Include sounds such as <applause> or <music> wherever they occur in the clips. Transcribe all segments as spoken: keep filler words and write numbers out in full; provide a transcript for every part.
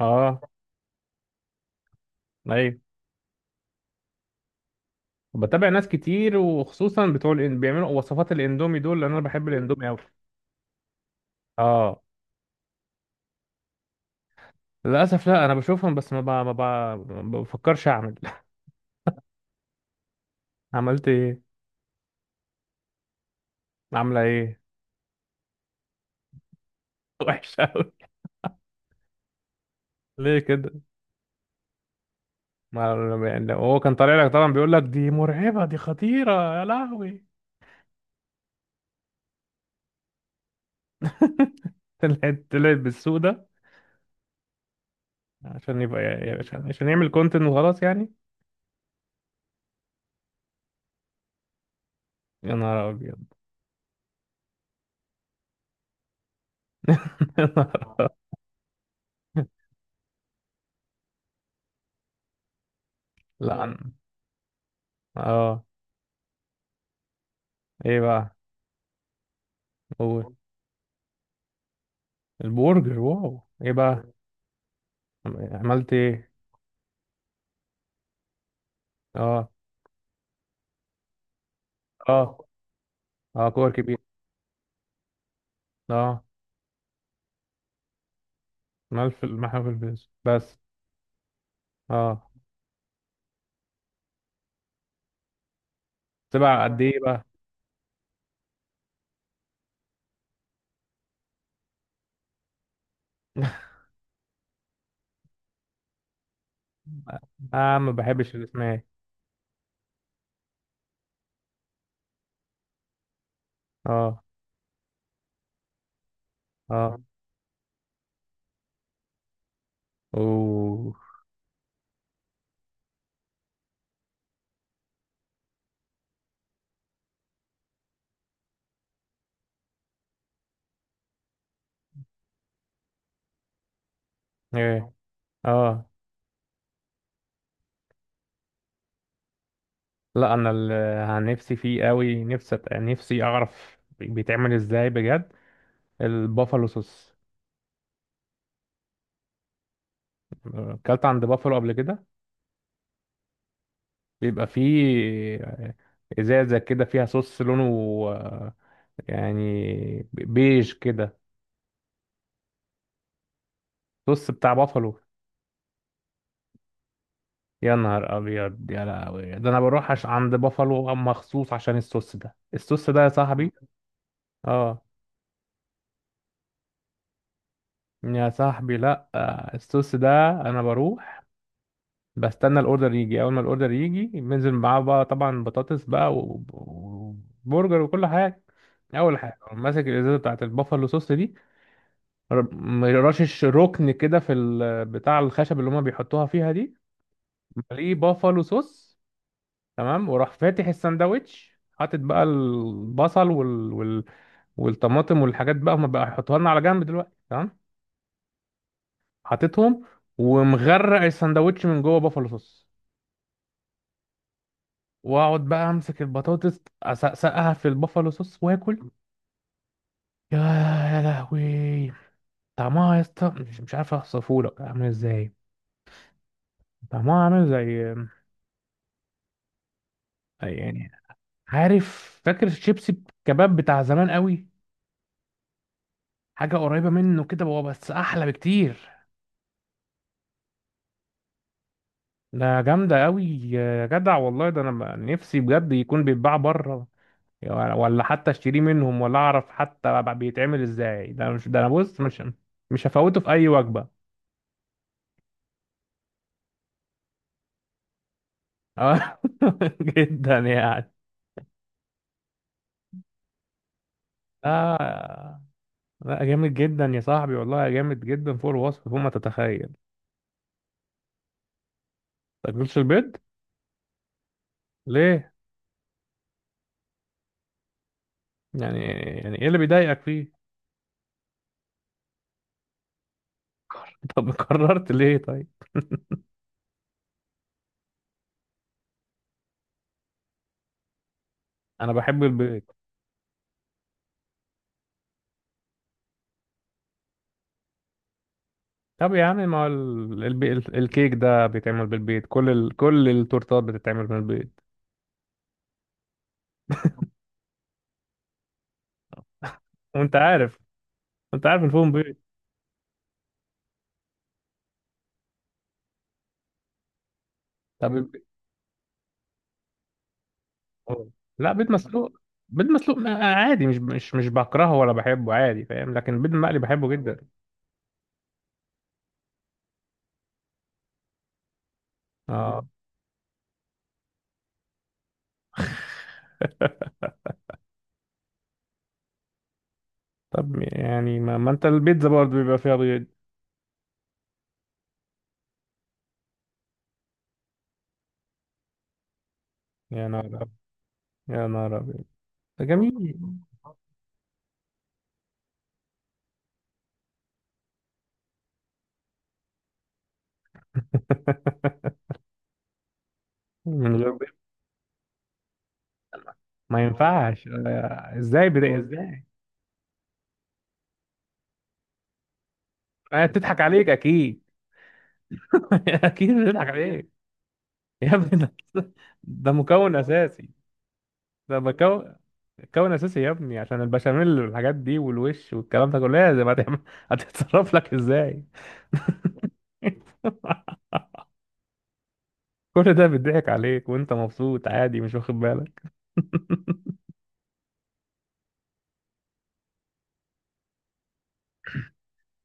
اه، ايوه، بتابع ناس كتير وخصوصا بتوع الإن... بيعملوا وصفات الاندومي دول لان انا بحب الاندومي قوي. اه، للاسف لا، انا بشوفهم بس ما ب... ما ب... ما بفكرش اعمل. <laughs> عملت ايه؟ عامله ايه؟ <laughs> وحش قوي؟ ليه كده؟ ما يعني لو هو كان طالع لك طبعا بيقول لك دي مرعبه، دي خطيره. يا لهوي! <laughs> طلعت طلعت بالسوق ده عشان يبقى يعني عشان عشان يعمل كونتنت وخلاص يعني. يا نهار ابيض! <laughs> يا نهار أبيض. <laughs> لا أنا- اه، ايه بقى؟ قول. البرجر! واو، ايه بقى؟ عملت ايه؟ اه. اه، اه كور كبير. اه. ملف المحل في الفيس بس. اه. تبع قد ايه بقى؟ <laughs> اه، ما بحبش الاسماك. اه. اه. اوه. ايه. اه. لا، انا اللي عن نفسي فيه قوي، نفسي أت- نفسي اعرف بيتعمل ازاي بجد. البافالو صوص. اكلت عند بافالو قبل كده؟ بيبقى فيه آه، ازازه كده فيها صوص لونه آه، يعني بيج كده. صوص بتاع بافالو. يا نهار ابيض، يا لهوي، ده انا بروح عش... عند بافالو مخصوص عشان الصوص ده. الصوص ده يا صاحبي! <laughs> اه. يا صاحبي لا، آه، الصوص ده انا بروح بستنى الاوردر يجي. اول ما الاوردر يجي بنزل معاه بقى، طبعا بطاطس بقى و- وبرجر وكل حاجه. اول حاجه أقوم ماسك الازازه بتاعت البافالو صوص دي. ر- رشش ركن كده في ال- بتاع الخشب اللي هما بيحطوها فيها دي، مليه بافالو صوص. تمام. وراح فاتح الساندوتش، حاطط بقى البصل وال... وال... والطماطم والحاجات بقى هما بقى يحطوها لنا على جنب دلوقتي، تمام. حاططهم ومغرق الساندوتش من جوه بافالو صوص. واقعد بقى امسك البطاطس، اسقسقها في البافالو صوص واكل. يا يا لهوي! طعمها يا اسطى، مش مش عارف اوصفه لك عامل ازاي. طعمها عامل زي أي يعني. عارف، فاكر الشيبسي الكباب بتاع زمان قوي؟ حاجه قريبه منه كده بقى، بس احلى بكتير. ده جامدة قوي يا جدع، والله، ده انا بقى نفسي بجد يكون بيتباع بره، ولا حتى اشتريه منهم، ولا اعرف حتى بقى بيتعمل ازاي. ده مش ده انا بص، مش مش هفوته في اي وجبة. آه. <laughs> جدا يعني. لا. لا، جامد جدا يا صاحبي، والله جامد جدا، فوق الوصف، فوق ما تتخيل. تاكلش البيض؟ ليه؟ يعني يعني ايه اللي بيضايقك فيه؟ <laughs> طب قررت ليه طيب؟ انا بحب البيض. طب يا عم، ما هو ال- الب- ال- الكيك ده بيتعمل بالبيض، كل ال... كل التورتات بتتعمل بالبيض. وانت عارف؟ انت عارف الفول بيض؟ طب الب... أوه. لا، بيض مسلوق؟ بيض مسلوق ما- عادي، مش مش مش بكرهه ولا بحبه، عادي فاهم، لكن البيض المقلي بحبه جدا. اه. طب يعني ما, ما انت البيتزا برضه بيبقى فيها بيض. يا نهار أبيض. يا نهار ابيض. ده جميل. <laughs> من غير بيض؟ ما ينفعش! آه، ازاي؟ بدا ازاي؟ آه، بتضحك عليك اكيد. <laughs> اكيد بتضحك عليك. يا ابني، ده ده مكون اساسي. ده مكون، مكون اساسي يا ابني، عشان البشاميل والحاجات دي والوش والكلام ده كله لازم. هتعمل؟ <laughs> هتتصرف لك ازاي؟ <laughs> كل ده بيضحك عليك وانت مبسوط عادي، مش واخد بالك.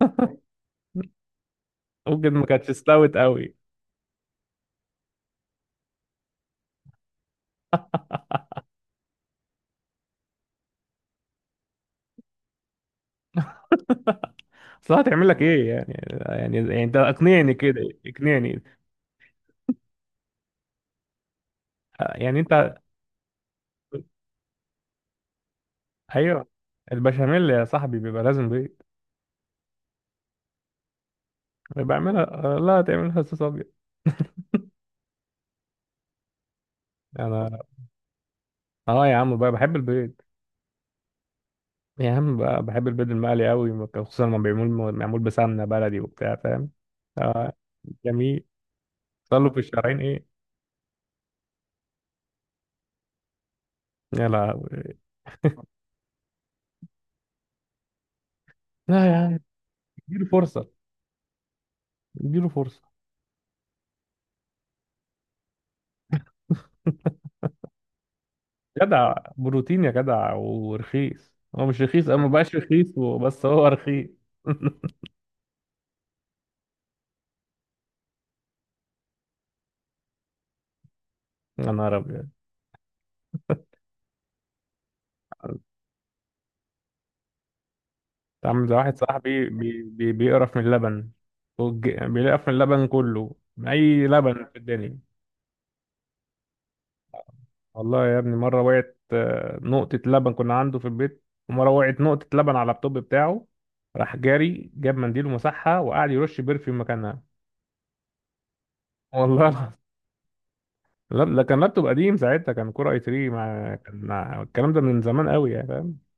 <laughs> ممكن ما كانتش استوت قوي. <laughs> اصل هتعمل لك ايه يعني؟ يعني يعني انت اقنعني كده. اقنعني. يعني انت. ايوه. البشاميل يا صاحبي بيبقى لازم بيض. بعملها. لا، تعملها صوص ابيض؟ انا؟ اه يا عم بقى بحب البيض. يا عم، ب- بحب البيض المقلي قوي، خصوصا لما بيعمل معمول بسمنه بلدي وبتاع فاهم. آه. جميل. صلوا في الشرايين ايه. يا لا. لا يا عم. اديله فرصه. اديله فرصه. جدع بروتين يا جدع، ورخيص. هو مش رخيص، او ما بقاش رخيص، بس هو رخيص. <laughs> يا نهار ابيض. انت عامل زي واحد صاحبي بي بي بيقرف من اللبن. والج- بيقرف من اللبن كله، من اي لبن في الدنيا. والله يا ابني، مرة وقعت آه، نقطة لبن كنا عنده في البيت، ومرة وقعت نقطة لبن على اللابتوب بتاعه. راح جاري جاب منديل ومسحها وقعد يرش برفيوم مكانها. <laughs> والله العظيم. لا، ده كان لابتوب قديم ساعتها، كان كور اي ثري، مع كان مع- الكلام ده من زمان قوي يعني فاهم.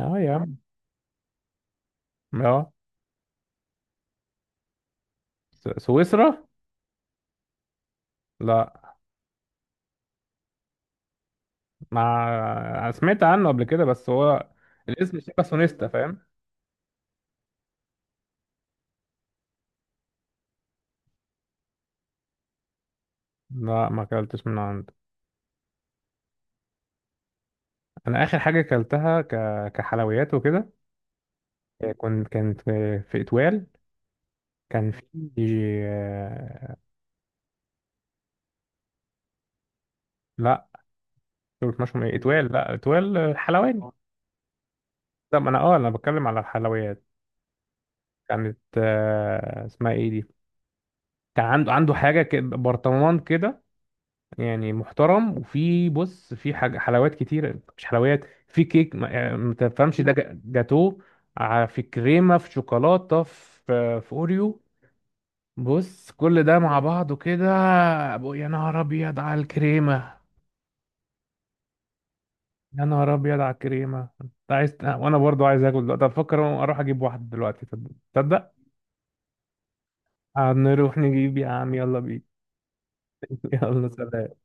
اه يا عم. اه. س- سويسرا؟ لا. مع سمعت عنه قبل كده، بس هو الاسم شبه سونيستا فاهم. لا، ما اكلتش من عنده. انا اخر حاجه اكلتها ك... كحلويات وكده. كنت كانت في اتوال. كان في آه، لا، دول مشهم ايه، اتوال؟ لا، اتوال آه، حلواني. لا، ما انا اه انا بتكلم على الحلويات. كانت آه، اسمها ايه دي؟ كان عنده عنده حاجه كده، برطمان كده، يعني محترم، وفي، بص، في حاجه، حلويات كتير، مش حلويات، في كيك، ما يعني، ما تفهمش ده، جا- جاتوه. ع- في كريمه، في شوكولاته، في آه، في اوريو. بص، كل ده مع بعضه كده. أبو- يا نهار ابيض على الكريمه. يا نهار ابيض على الكريمه. انت عايز وانا برضو عايز اكل دلوقتي. افكر اروح اجيب واحده دلوقتي، تصدق؟ تصدق؟ آه، نروح نجيب، يا عم يلا بينا. <laughs> يلا سلام.